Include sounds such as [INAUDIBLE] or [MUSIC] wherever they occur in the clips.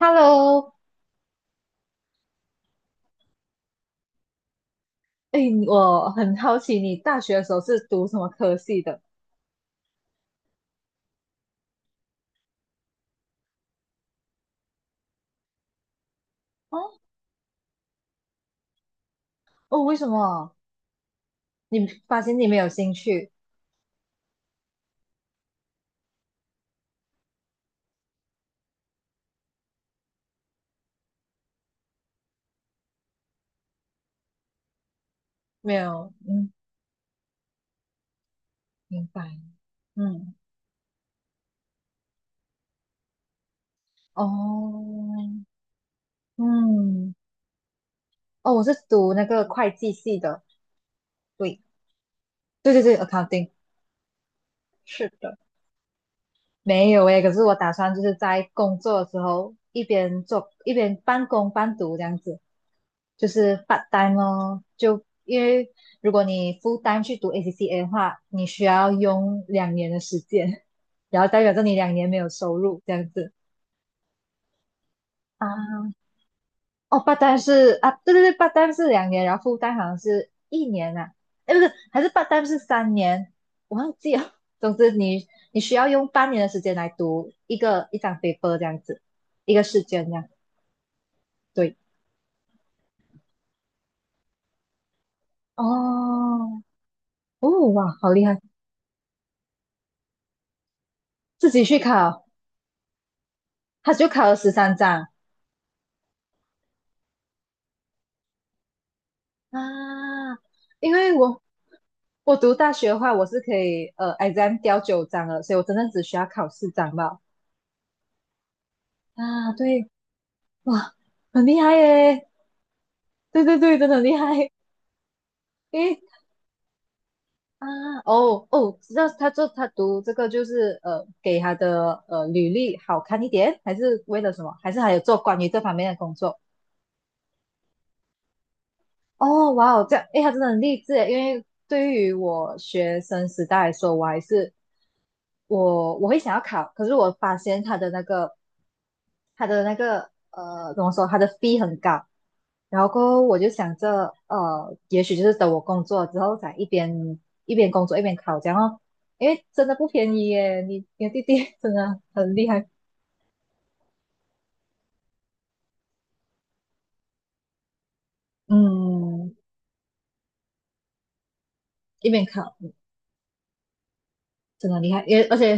Hello，哎，我很好奇你大学的时候是读什么科系的？哦哦，为什么？你发现你没有兴趣？没有，嗯，明白，嗯，哦，嗯，哦，我是读那个会计系的，对，对对对，accounting，是的，没有诶，可是我打算就是在工作的时候一边做一边半工半读这样子。就是 p a 哦，就因为如果你 f u 去读 ACCA 的话，你需要用两年的时间，然后代表着你两年没有收入这样子啊。哦 p a 是啊，对对对 p a 是两年，然后 f u 好像是1年啊，哎不是，还是 p a 是3年，我忘记了。总之你需要用半年的时间来读一张 paper 这样子，一个试卷这样。对，哦哦哇，好厉害，自己去考，他就考了13张。啊，因为我读大学的话，我是可以exam 掉9张了，所以我真的只需要考4张吧。啊，对，哇，很厉害耶！对对对，真的很厉害。因为啊，哦哦，知道他读这个就是给他的履历好看一点，还是为了什么？还是还有做关于这方面的工作？哦，哇哦，这样，哎，他真的很励志诶，因为对于我学生时代来说，我还是我会想要考，可是我发现他的那个，怎么说，他的 fee 很高，然后过后我就想着，也许就是等我工作之后，再一边工作一边考这样哦，因为真的不便宜耶，你的弟弟 [LAUGHS] 真的很厉害，嗯，一边考真的很厉害，也而且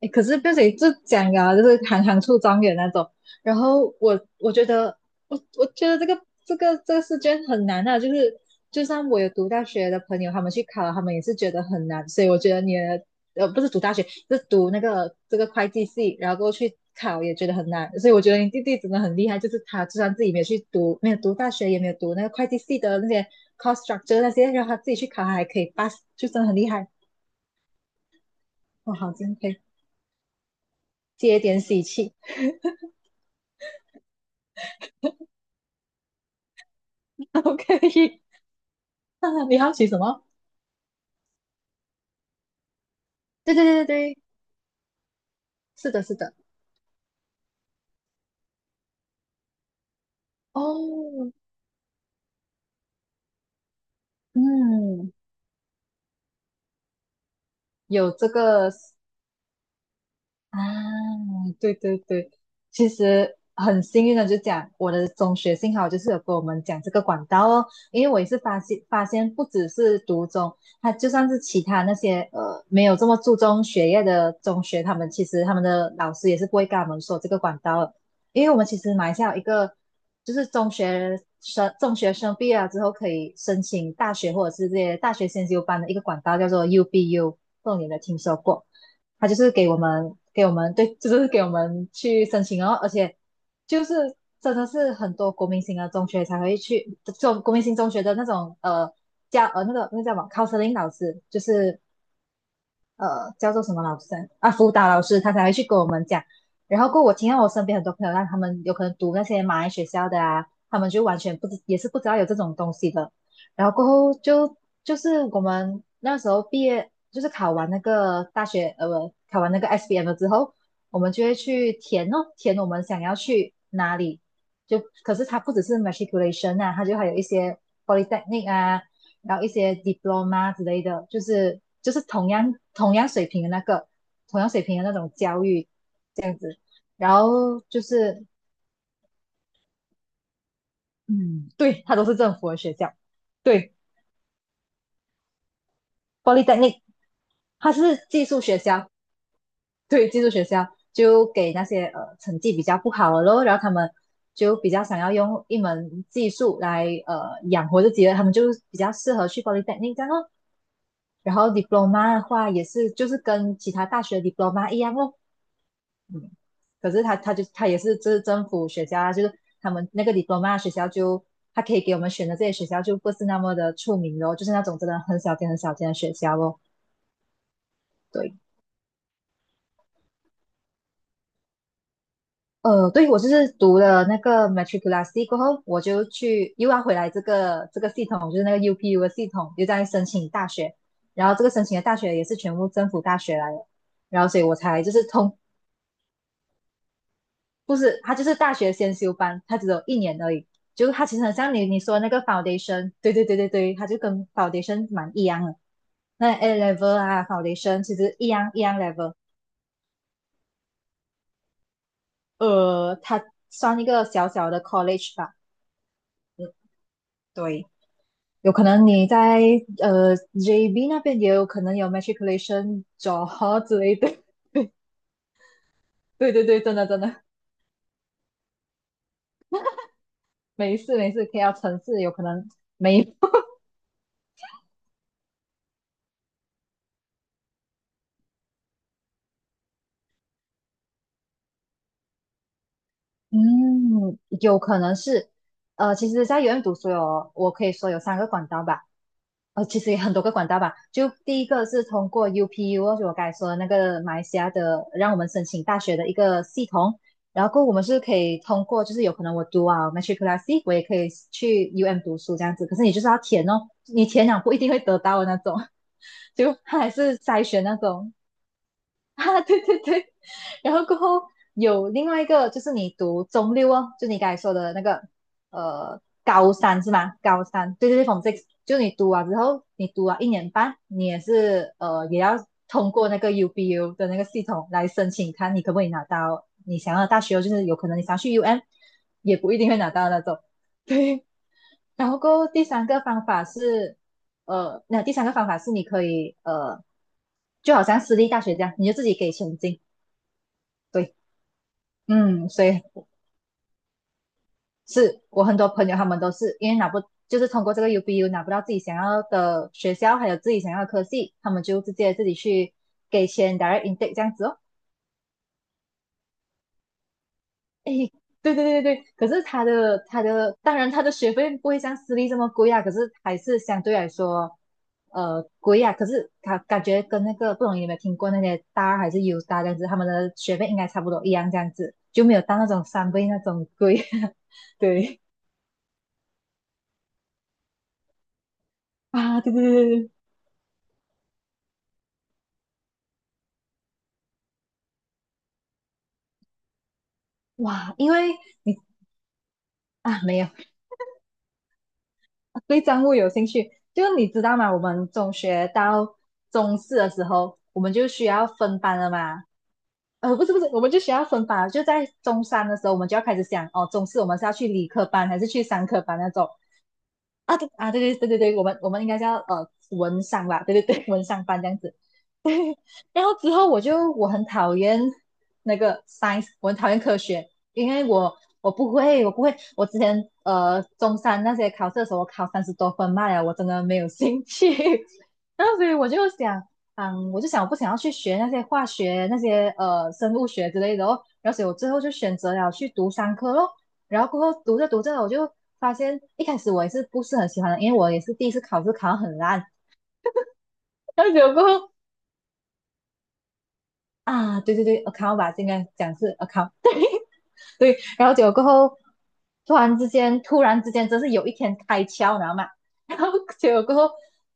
诶可是变成就讲啊，就是行行出状元那种。然后我觉得，我觉得这个试卷很难啊，就是就算我有读大学的朋友，他们去考他们也是觉得很难。所以我觉得你的不是读大学，是读这个会计系，然后过去考也觉得很难。所以我觉得你弟弟真的很厉害，就是他就算自己没有去读，没有读大学，也没有读那个会计系的那些 cost structure 那些，让他自己去考，他还可以 pass，就真的很厉害。哇，好敬佩，接一点喜气。OK，[LAUGHS] 你好奇什么？对对对对对，是的，是的。哦，嗯，有这个啊，对对对，其实很幸运的就讲我的中学幸好就是有跟我们讲这个管道哦，因为我也是发现不只是读中，他就算是其他那些没有这么注重学业的中学，他们其实他们的老师也是不会跟他们说这个管道的。因为我们其实马来西亚有一个就是中学生毕业了之后可以申请大学或者是这些大学先修班的一个管道叫做 UBU，不懂你有没有听说过？他就是给我们对，就是给我们去申请哦，而且就是真的是很多国民型的中学才会去，这种国民型中学的那种教那个叫什么 counseling 老师，就是叫做什么老师啊，辅导老师，他才会去跟我们讲。然后过后我听到我身边很多朋友，让他们有可能读那些马来学校的啊，他们就完全不知也是不知道有这种东西的。然后过后就是我们那时候毕业，就是考完那个大学不考完那个 SBM 了之后，我们就会去填哦，填我们想要去哪里。就可是它不只是 matriculation 啊，它就还有一些 polytechnic 啊，然后一些 diploma 之类的，就是同样水平的那个同样水平的那种教育，然后就是嗯，对，它都是政府的学校，对，polytechnic 它是技术学校，对，技术学校就给那些成绩比较不好的咯，然后他们就比较想要用一门技术来养活自己的，他们就比较适合去 polytechnic 这样咯。然后 diploma 的话也是，就是跟其他大学 diploma 一样哦，可是他也是就是政府学校啊，就是他们那个 diploma 学校就他可以给我们选的这些学校就不是那么的出名咯，就是那种真的很小间很小间的学校咯。对，对我就是读了那个 matriculasi 过后，我就去又要回来这个系统，就是那个 UPU 的系统，又在申请大学，然后这个申请的大学也是全部政府大学来的，然后所以我才就是通不是，他就是大学先修班，他只有一年而已。就是他其实很像你说的那个 foundation，对对对对对，他就跟 foundation 蛮一样的。那 A level 啊，foundation 其实一样 level，他算一个小小的 college 吧。对，有可能你在JB 那边也有可能有 matriculation 招之类的。[LAUGHS] 对对对，真的真的，没事没事，KL 城市有可能没嗯，有可能是，其实，在 u 院读书有，我可以说有3个管道吧，其实也很多个管道吧。就第一个是通过 UPU，就我刚才说的那个马来西亚的，让我们申请大学的一个系统，然后过后我们是可以通过，就是有可能我读啊 matriculasi，我也可以去 UM 读书这样子，可是你就是要填哦，你填了不一定会得到的那种，[LAUGHS] 就它还是筛选那种。[LAUGHS] 啊，对对对，然后过后有另外一个就是你读中六哦，就你刚才说的那个高三是吗？高三，对对对 f r m six，就你读完之后，你读完一年半，你也是也要通过那个 UBU 的那个系统来申请，看你可不可以拿到你想要的大学哦，就是有可能你想要去 UM，也不一定会拿到那种，[LAUGHS] 对，然后过后第三个方法是，那第三个方法是你可以就好像私立大学这样，你就自己给钱进。对，嗯，所以是我很多朋友他们都是因为拿不，就是通过这个 UBU 拿不到自己想要的学校，还有自己想要的科系，他们就直接自己去给钱 direct intake 这样子哦。对对对对对，可是他的他的，当然他的学费不会像私立这么贵啊，可是还是相对来说，贵啊。可是感觉跟那个不懂你有没有听过那些大二还是 U 大这样子，他们的学费应该差不多一样这样子，就没有到那种三倍那种贵。[LAUGHS] 对啊，对对对对，对哇，因为你啊没有，[LAUGHS] 对账户有兴趣，就你知道吗？我们中学到中四的时候，我们就需要分班了嘛。不是，我们就需要分班了就在中三的时候，我们就要开始想哦，中四我们是要去理科班还是去商科班那种啊？对啊，对对对对对，我们应该是要文商吧，对对对，[LAUGHS] 文商班这样子。然后之后我很讨厌那个 science,我很讨厌科学，因为我不会，我之前中山那些考试的时候，我考三十多分嘛呀，我真的没有 [LAUGHS] 兴趣。[LAUGHS] 然后所以我就想，嗯，我就想我不想要去学那些化学、那些生物学之类的哦。然后所以我最后就选择了去读商科咯。然后过后读着读着，我就发现一开始我也是不是很喜欢的，因为我也是第一次考试考得很烂。然后结果啊，对对对，account 吧，应该讲是 account。对，然后结果过后，突然之间，突然之间，真是有一天开窍，你知道吗？然后结果过后，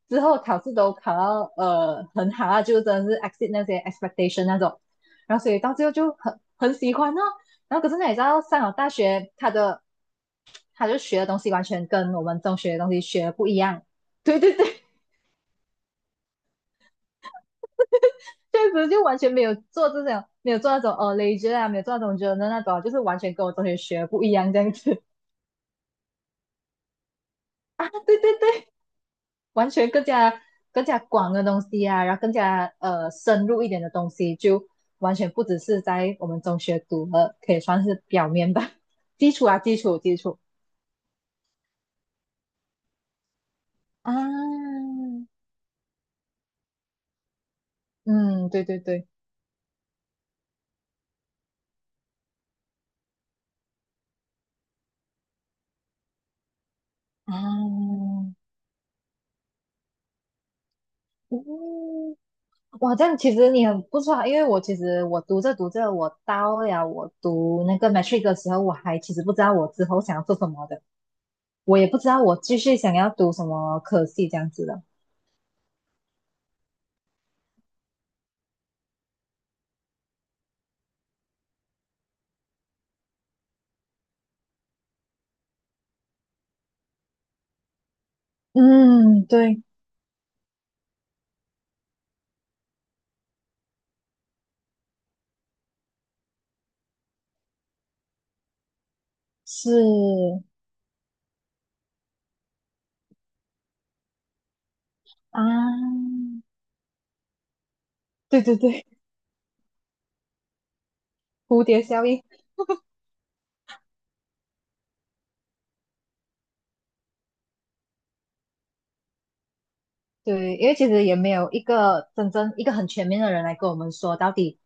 之后考试都考到很好啊，就真的是 exceed 那些 expectation 那种。然后所以到最后就很喜欢哦。然后可是你知道，上了大学，他就学的东西完全跟我们中学的东西学的不一样。对对对，确实就完全没有做这种，没有做那种ledger 啊，没有做那种 j o 那种啊就是完全跟我中学学不一样这样子 [LAUGHS] 啊。对对对，完全更加广的东西啊，然后更加深入一点的东西，就完全不只是在我们中学读的，可以算是表面吧，基础啊，基础啊，嗯，对对对啊，嗯。哇，这样其实你很不错啊，因为我其实读着读着，我到了读那个 matric 的时候，我还其实不知道我之后想要做什么的，我也不知道我继续想要读什么科系这样子的。嗯，对，是啊，对对对，蝴蝶效应。对，因为其实也没有一个真正一个很全面的人来跟我们说到底，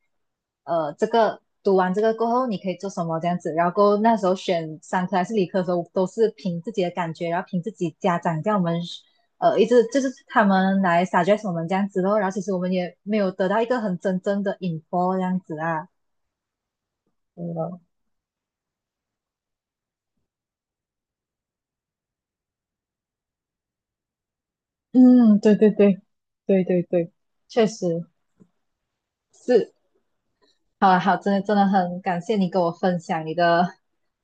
这个读完这个过后你可以做什么这样子。然后过后那时候选商科还是理科的时候，都是凭自己的感觉，然后凭自己家长叫我们，一直就是他们来 suggest 我们这样子咯。然后其实我们也没有得到一个很真正的 info 这样子啊。嗯，嗯对对对，对对对，确实是。好啊，好，真的真的很感谢你跟我分享你的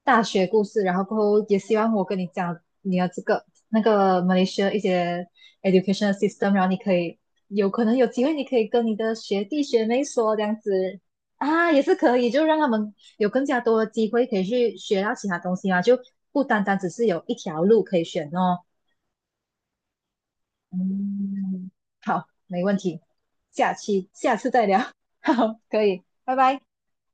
大学故事，然后过后也希望我跟你讲你的这个那个 Malaysia 一些 education system,然后你可以有可能有机会，你可以跟你的学弟学妹说这样子啊，也是可以，就让他们有更加多的机会可以去学到其他东西嘛，就不单单只是有一条路可以选哦。嗯，好，没问题，下期下次再聊，[LAUGHS] 好，可以，拜拜。